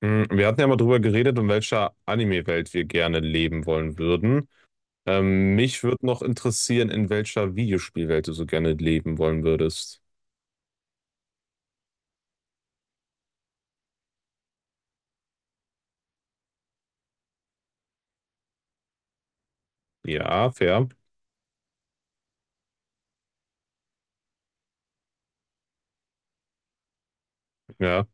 Wir hatten ja mal drüber geredet, in welcher Anime-Welt wir gerne leben wollen würden. Mich würde noch interessieren, in welcher Videospielwelt du so gerne leben wollen würdest. Ja, fair. Ja.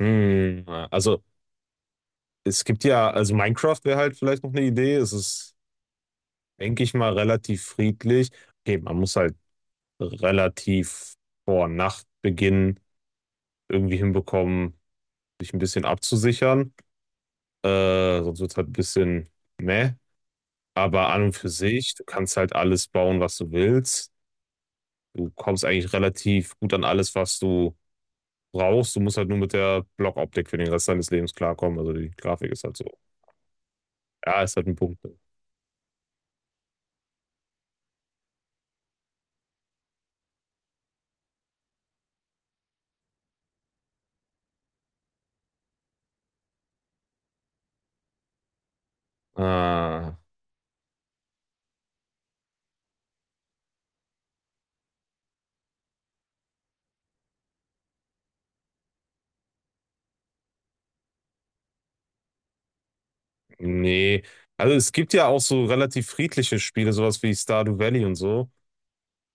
Hm, also, es gibt ja, also Minecraft wäre halt vielleicht noch eine Idee. Es ist, denke ich mal, relativ friedlich. Okay, man muss halt relativ vor Nachtbeginn irgendwie hinbekommen, sich ein bisschen abzusichern. Äh, sonst wird es halt ein bisschen meh. Aber an und für sich, du kannst halt alles bauen, was du willst. Du kommst eigentlich relativ gut an alles, was du brauchst. Du musst halt nur mit der Blockoptik für den Rest deines Lebens klarkommen. Also die Grafik ist halt so. Ja, ist halt ein Punkt. Ah, nee. Also es gibt ja auch so relativ friedliche Spiele, sowas wie Stardew Valley und so.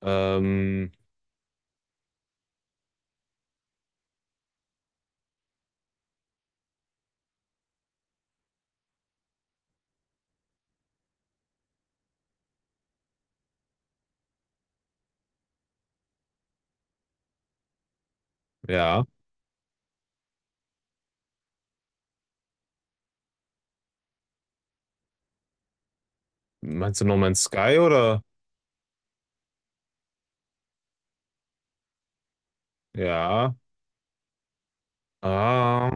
Ähm, ja. Meinst du No Man's Sky oder? Ja. Ah,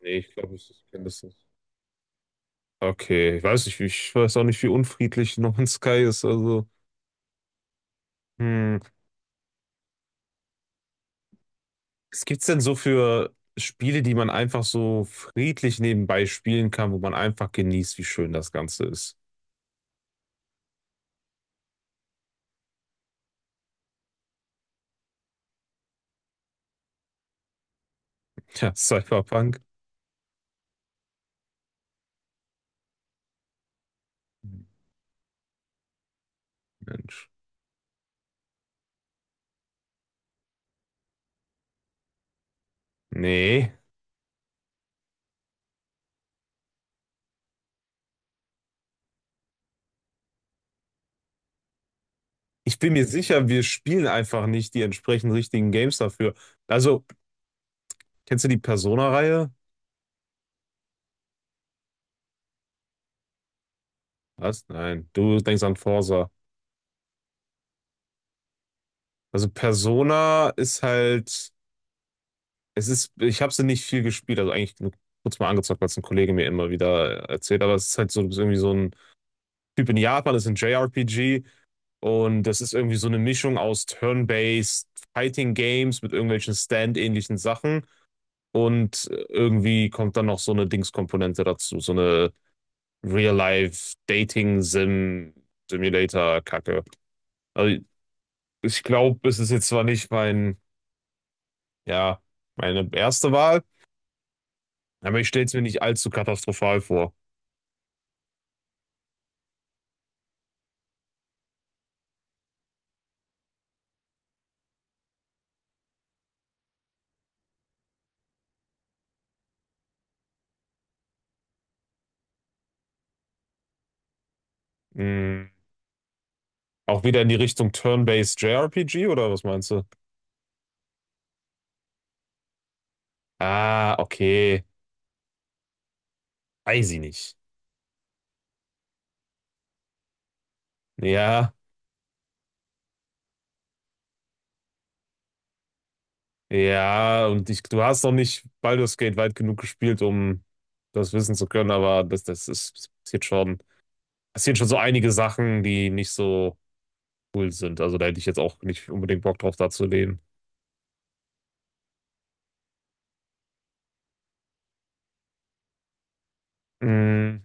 nee, ich glaube, ich kenne das nicht. Okay, ich weiß nicht, ich weiß auch nicht, wie unfriedlich No Man's Sky ist. Also. Hm, was gibt's denn so für Spiele, die man einfach so friedlich nebenbei spielen kann, wo man einfach genießt, wie schön das Ganze ist? Tja, Cyberpunk? Mensch. Nee. Ich bin mir sicher, wir spielen einfach nicht die entsprechend richtigen Games dafür. Also, kennst du die Persona-Reihe? Was? Nein, du denkst an Forsa. Also Persona ist halt, es ist, ich habe sie nicht viel gespielt, also eigentlich nur kurz mal angezockt, weil es ein Kollege mir immer wieder erzählt, aber es ist halt so du bist irgendwie so ein Typ in Japan, das ist ein JRPG und das ist irgendwie so eine Mischung aus Turn-Based Fighting Games mit irgendwelchen Stand-ähnlichen Sachen und irgendwie kommt dann noch so eine Dings-Komponente dazu, so eine Real-Life Dating Sim Simulator Kacke. Also ich glaube, es ist jetzt zwar nicht ja, meine erste Wahl, aber ich stelle es mir nicht allzu katastrophal vor. Hm, auch wieder in die Richtung Turn-Based JRPG oder was meinst du? Ah, okay. Weiß ich nicht. Ja, ja, und du hast noch nicht Baldur's Gate weit genug gespielt, um das wissen zu können, aber das ist, es passiert schon so einige Sachen, die nicht so cool sind. Also da hätte ich jetzt auch nicht unbedingt Bock drauf, da zu leben. Mm,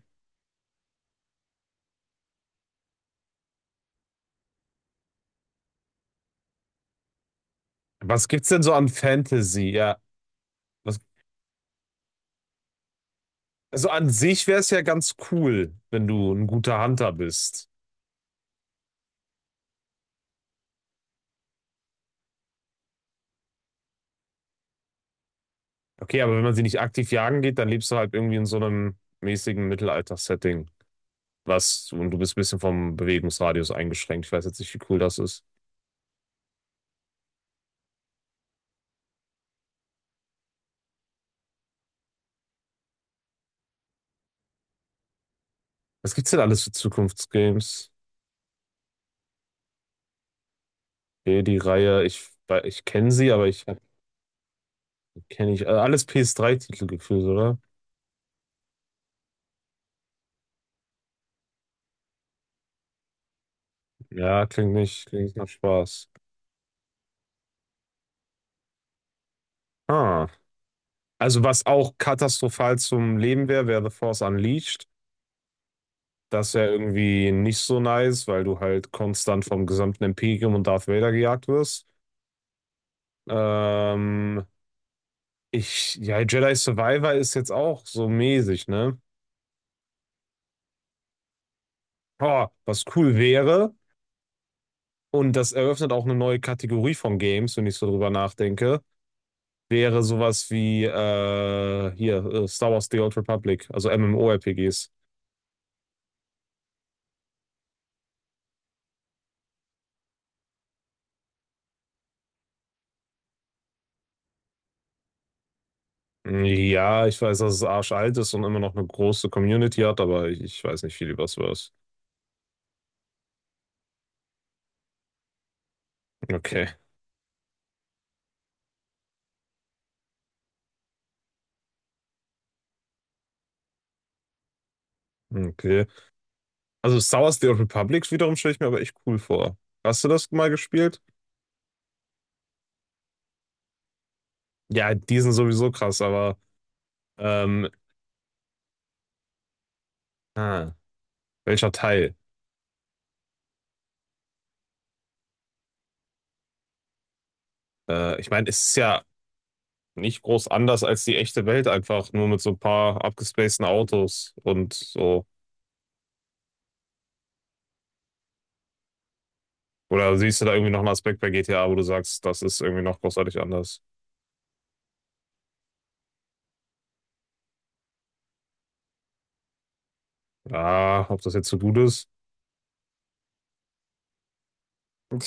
Was gibt's denn so an Fantasy? Ja, was, also an sich wäre es ja ganz cool, wenn du ein guter Hunter bist. Okay, aber wenn man sie nicht aktiv jagen geht, dann lebst du halt irgendwie in so einem mäßigen Mittelalter-Setting. Was, und du bist ein bisschen vom Bewegungsradius eingeschränkt. Ich weiß jetzt nicht, wie cool das ist. Was gibt's denn alles für Zukunftsgames? Hier die Reihe, ich kenne sie, aber ich kenne ich. Alles PS3-Titel gefühlt, oder? Ja, klingt nicht nach Spaß. Ah. Also was auch katastrophal zum Leben wäre, wäre The Force Unleashed. Das wäre irgendwie nicht so nice, weil du halt konstant vom gesamten Imperium und Darth Vader gejagt wirst. Ähm, ja, Jedi Survivor ist jetzt auch so mäßig, ne? Boah, was cool wäre, und das eröffnet auch eine neue Kategorie von Games, wenn ich so drüber nachdenke, wäre sowas wie hier Star Wars The Old Republic, also MMORPGs. Ja, ich weiß, dass es arschalt ist und immer noch eine große Community hat, aber ich weiß nicht viel über Star Wars. Okay, okay. Also Star Wars The Old Republic wiederum stelle ich mir aber echt cool vor. Hast du das mal gespielt? Ja, die sind sowieso krass, aber ähm, ah, welcher Teil? Ich meine, es ist ja nicht groß anders als die echte Welt, einfach nur mit so ein paar abgespaceden Autos und so. Oder siehst du da irgendwie noch einen Aspekt bei GTA, wo du sagst, das ist irgendwie noch großartig anders? Ja, ob das jetzt so gut ist?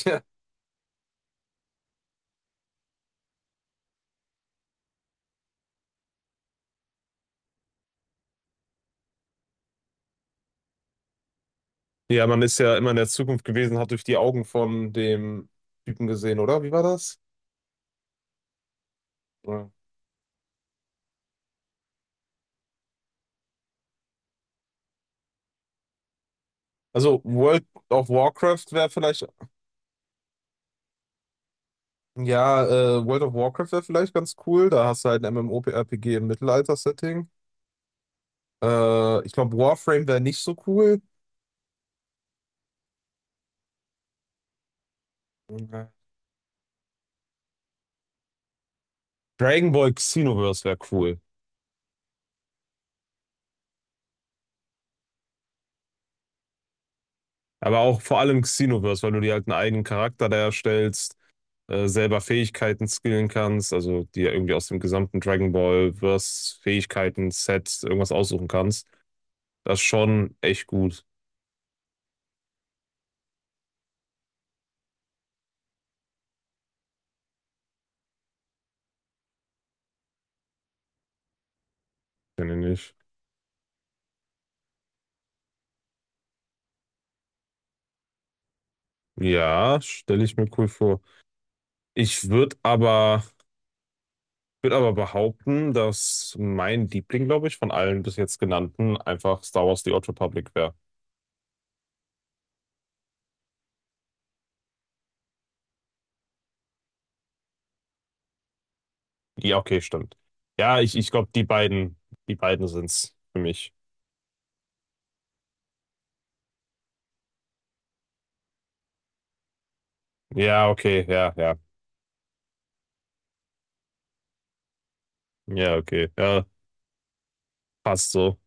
Ja. Ja, man ist ja immer in der Zukunft gewesen, hat durch die Augen von dem Typen gesehen, oder? Wie war das? Ja. Also World of Warcraft wäre ja, World of Warcraft wäre vielleicht ganz cool. Da hast du halt ein MMORPG im Mittelalter-Setting. Ich glaube, Warframe wäre nicht so cool. Dragon Ball Xenoverse wäre cool. Aber auch vor allem Xenoverse, weil du dir halt einen eigenen Charakter da erstellst, selber Fähigkeiten skillen kannst, also dir irgendwie aus dem gesamten Dragon Ball Verse Fähigkeiten Set irgendwas aussuchen kannst. Das ist schon echt gut, finde ich. Ja, stelle ich mir cool vor. Ich würde aber, würd aber behaupten, dass mein Liebling, glaube ich, von allen bis jetzt genannten einfach Star Wars The Old Republic wäre. Ja, okay, stimmt. Ja, ich glaube, die beiden sind's für mich. Ja, okay, ja, ja. Ja, okay. Ja, passt so.